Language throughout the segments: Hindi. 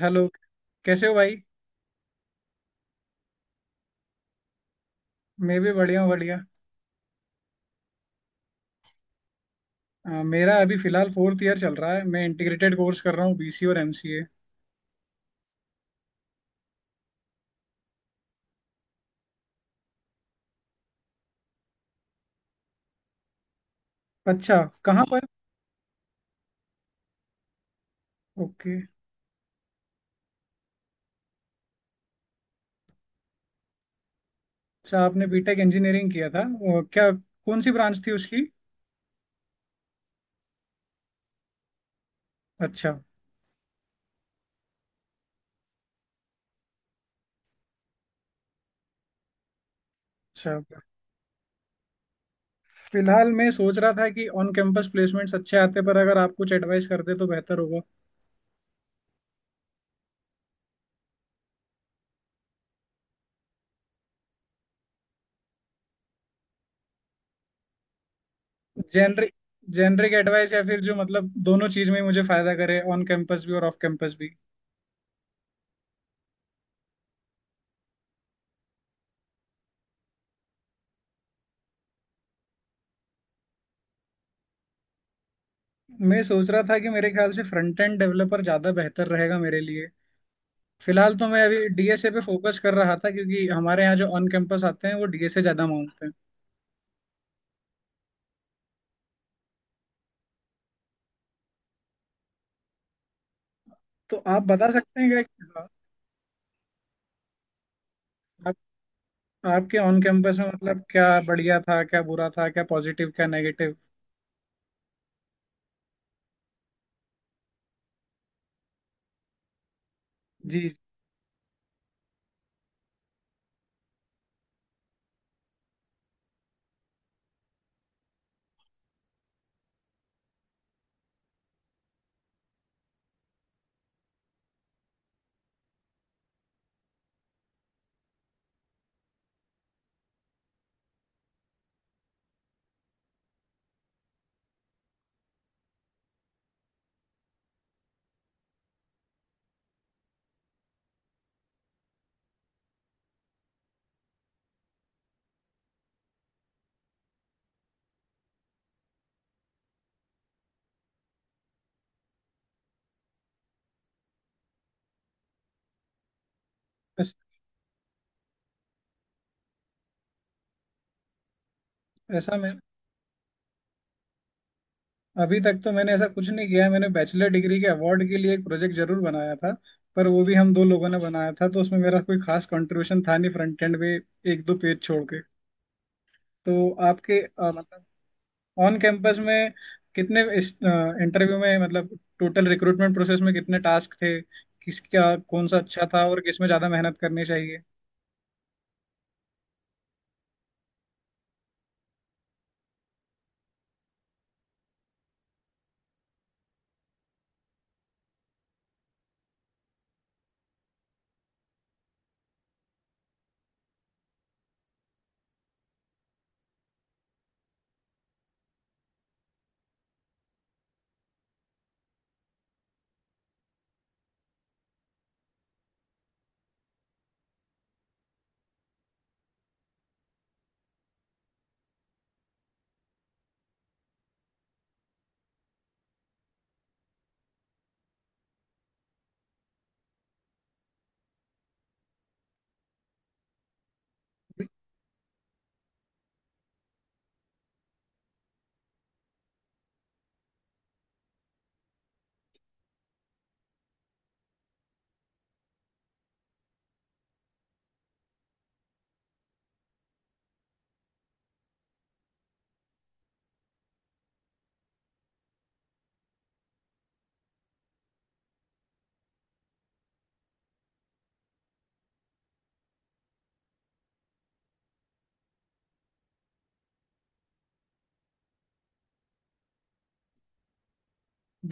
हेलो। कैसे हो भाई। मैं भी बढ़िया हूँ, बढ़िया। मेरा अभी फिलहाल फोर्थ ईयर चल रहा है। मैं इंटीग्रेटेड कोर्स कर रहा हूँ, बीसी और एमसीए। अच्छा। कहाँ पर? ओके। अच्छा, आपने बीटेक इंजीनियरिंग किया था। क्या कौन सी ब्रांच थी उसकी? अच्छा अच्छा। फिलहाल मैं सोच रहा था कि ऑन कैंपस प्लेसमेंट्स अच्छे आते, पर अगर आप कुछ एडवाइस करते तो बेहतर होगा। जेनरिक। जेनरिक एडवाइस, या फिर जो मतलब दोनों चीज में ही मुझे फायदा करे, ऑन कैंपस भी और ऑफ कैंपस भी। मैं सोच रहा था कि मेरे ख्याल से फ्रंट एंड डेवलपर ज्यादा बेहतर रहेगा मेरे लिए। फिलहाल तो मैं अभी डीएसए पे फोकस कर रहा था, क्योंकि हमारे यहाँ जो ऑन कैंपस आते हैं वो डीएसए ज्यादा मांगते हैं। तो आप बता सकते हैं क्या क्या-। आप, आपके ऑन कैंपस में मतलब क्या बढ़िया था, क्या बुरा था, क्या पॉजिटिव, क्या नेगेटिव? जी। बस। ऐसा मैं, अभी तक तो मैंने ऐसा कुछ नहीं किया है। मैंने बैचलर डिग्री के अवार्ड के लिए एक प्रोजेक्ट जरूर बनाया था। पर वो भी हम दो लोगों ने बनाया था, तो उसमें मेरा कोई खास कंट्रीब्यूशन था नहीं फ्रंट एंड पे। एक दो पेज छोड़ के। तो आपके मतलब ऑन कैंपस में कितने इस इंटरव्यू में मतलब टोटल रिक्रूटमेंट प्रोसेस में कितने टास्क थे, किसका कौन सा अच्छा था और किसमें ज्यादा मेहनत करनी चाहिए?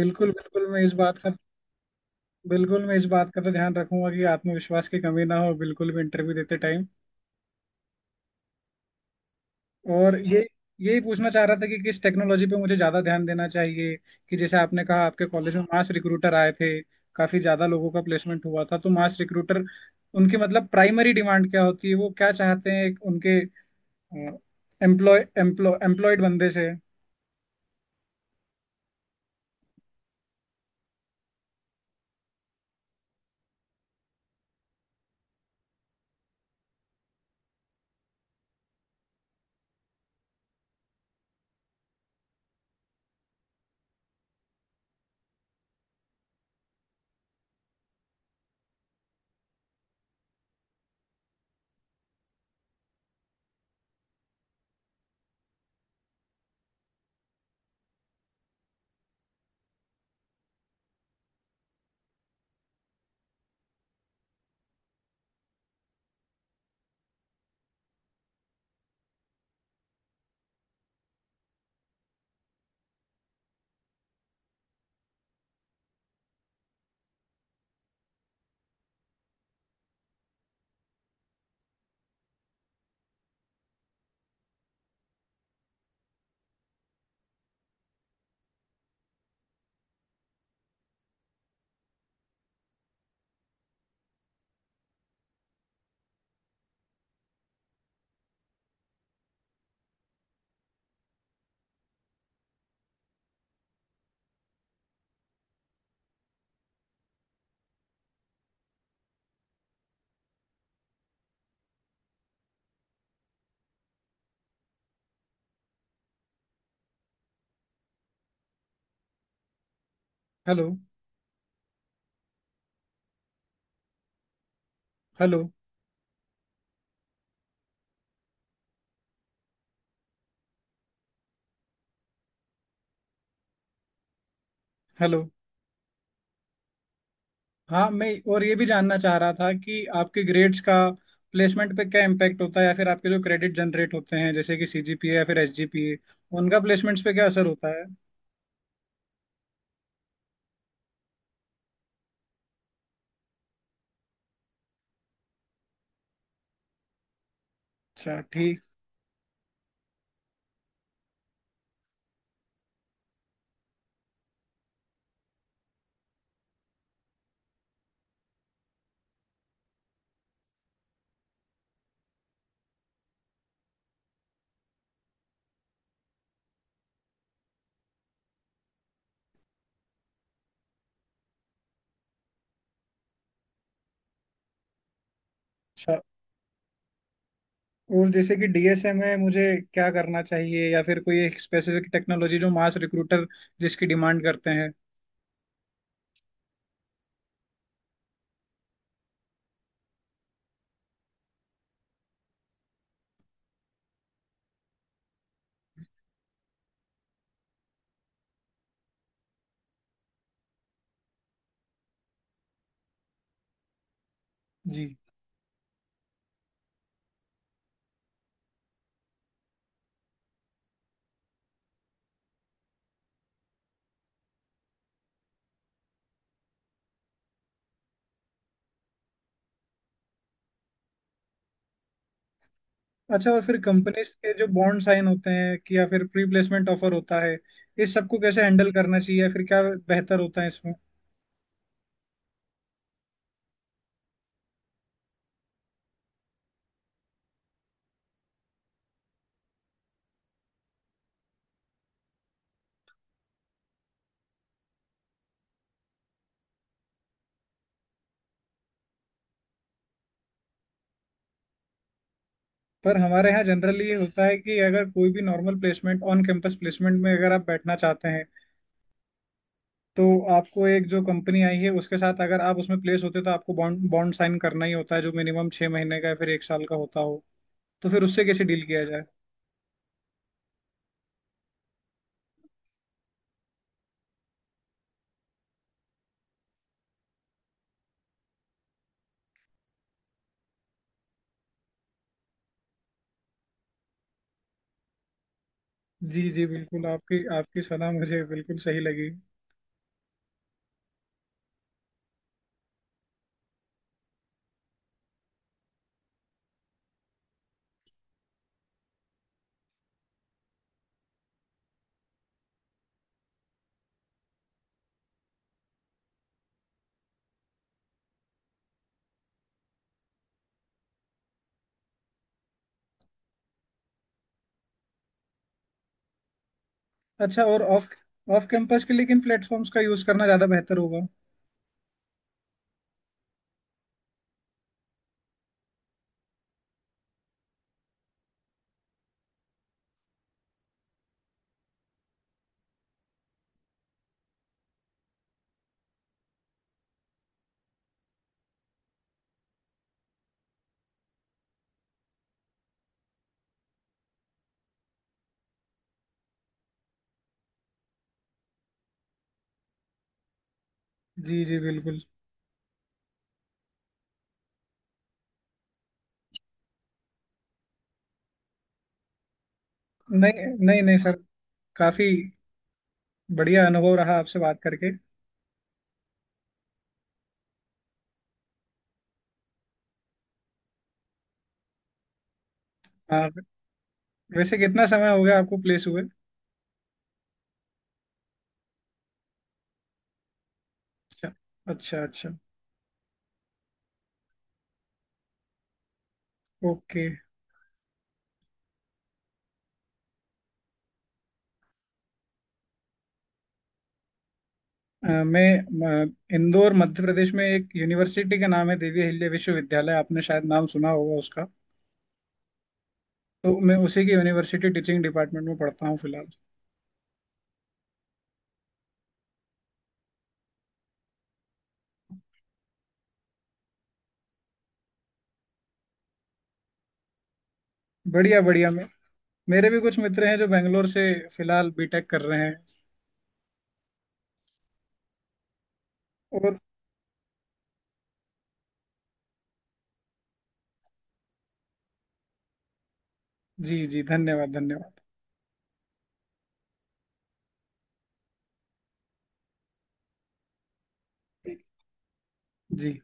बिल्कुल बिल्कुल मैं इस बात का बिल्कुल, मैं इस बात का तो ध्यान रखूंगा कि आत्मविश्वास की कमी ना हो बिल्कुल भी इंटरव्यू देते टाइम। और ये, यही पूछना चाह रहा था कि किस टेक्नोलॉजी पे मुझे ज्यादा ध्यान देना चाहिए। कि जैसे आपने कहा आपके कॉलेज में मास रिक्रूटर आए थे, काफी ज्यादा लोगों का प्लेसमेंट हुआ था। तो मास रिक्रूटर उनकी मतलब प्राइमरी डिमांड क्या होती है, वो क्या चाहते हैं एक उनके एम्प्लॉय एम्प्लॉय एम्प्लॉयड बंदे से? हेलो। हेलो। हेलो। हाँ मैं, और ये भी जानना चाह रहा था कि आपके ग्रेड्स का प्लेसमेंट पे क्या इम्पैक्ट होता है, या फिर आपके जो क्रेडिट जनरेट होते हैं जैसे कि सीजीपीए या फिर एसजीपीए, उनका प्लेसमेंट्स पे क्या असर होता है? अच्छा, ठीक। अच्छा, और जैसे कि डीएसए में मुझे क्या करना चाहिए, या फिर कोई एक स्पेसिफिक टेक्नोलॉजी जो मास रिक्रूटर जिसकी डिमांड करते हैं? जी। अच्छा, और फिर कंपनीज के जो बॉन्ड साइन होते हैं कि, या फिर प्री प्लेसमेंट ऑफर होता है, इस सबको कैसे हैंडल करना चाहिए या फिर क्या बेहतर होता है इसमें? पर हमारे यहाँ जनरली ये होता है कि अगर कोई भी normal placement, on campus placement में अगर आप बैठना चाहते हैं तो आपको एक जो कंपनी आई है उसके साथ अगर आप उसमें प्लेस होते हो तो आपको बॉन्ड बॉन्ड साइन करना ही होता है, जो मिनिमम 6 महीने का या फिर 1 साल का होता हो। तो फिर उससे कैसे डील किया जाए? जी जी बिल्कुल, आपकी आपकी सलाह मुझे बिल्कुल सही लगी। अच्छा, और ऑफ ऑफ कैंपस के लेकिन प्लेटफॉर्म्स का यूज करना ज्यादा बेहतर होगा? जी जी बिल्कुल। नहीं नहीं नहीं सर, काफी बढ़िया अनुभव रहा आपसे बात करके। हाँ, वैसे कितना समय हो गया आपको प्लेस हुए? अच्छा। अच्छा अच्छा। ओके। मैं इंदौर मध्य प्रदेश में एक यूनिवर्सिटी का नाम है दिव्य हिल्ले विश्वविद्यालय, आपने शायद नाम सुना होगा उसका। तो मैं उसी की यूनिवर्सिटी टीचिंग डिपार्टमेंट में पढ़ता हूँ फिलहाल। बढ़िया बढ़िया। मैं, मेरे भी कुछ मित्र हैं जो बेंगलोर से फिलहाल बीटेक कर रहे हैं। और जी जी धन्यवाद धन्यवाद। जी।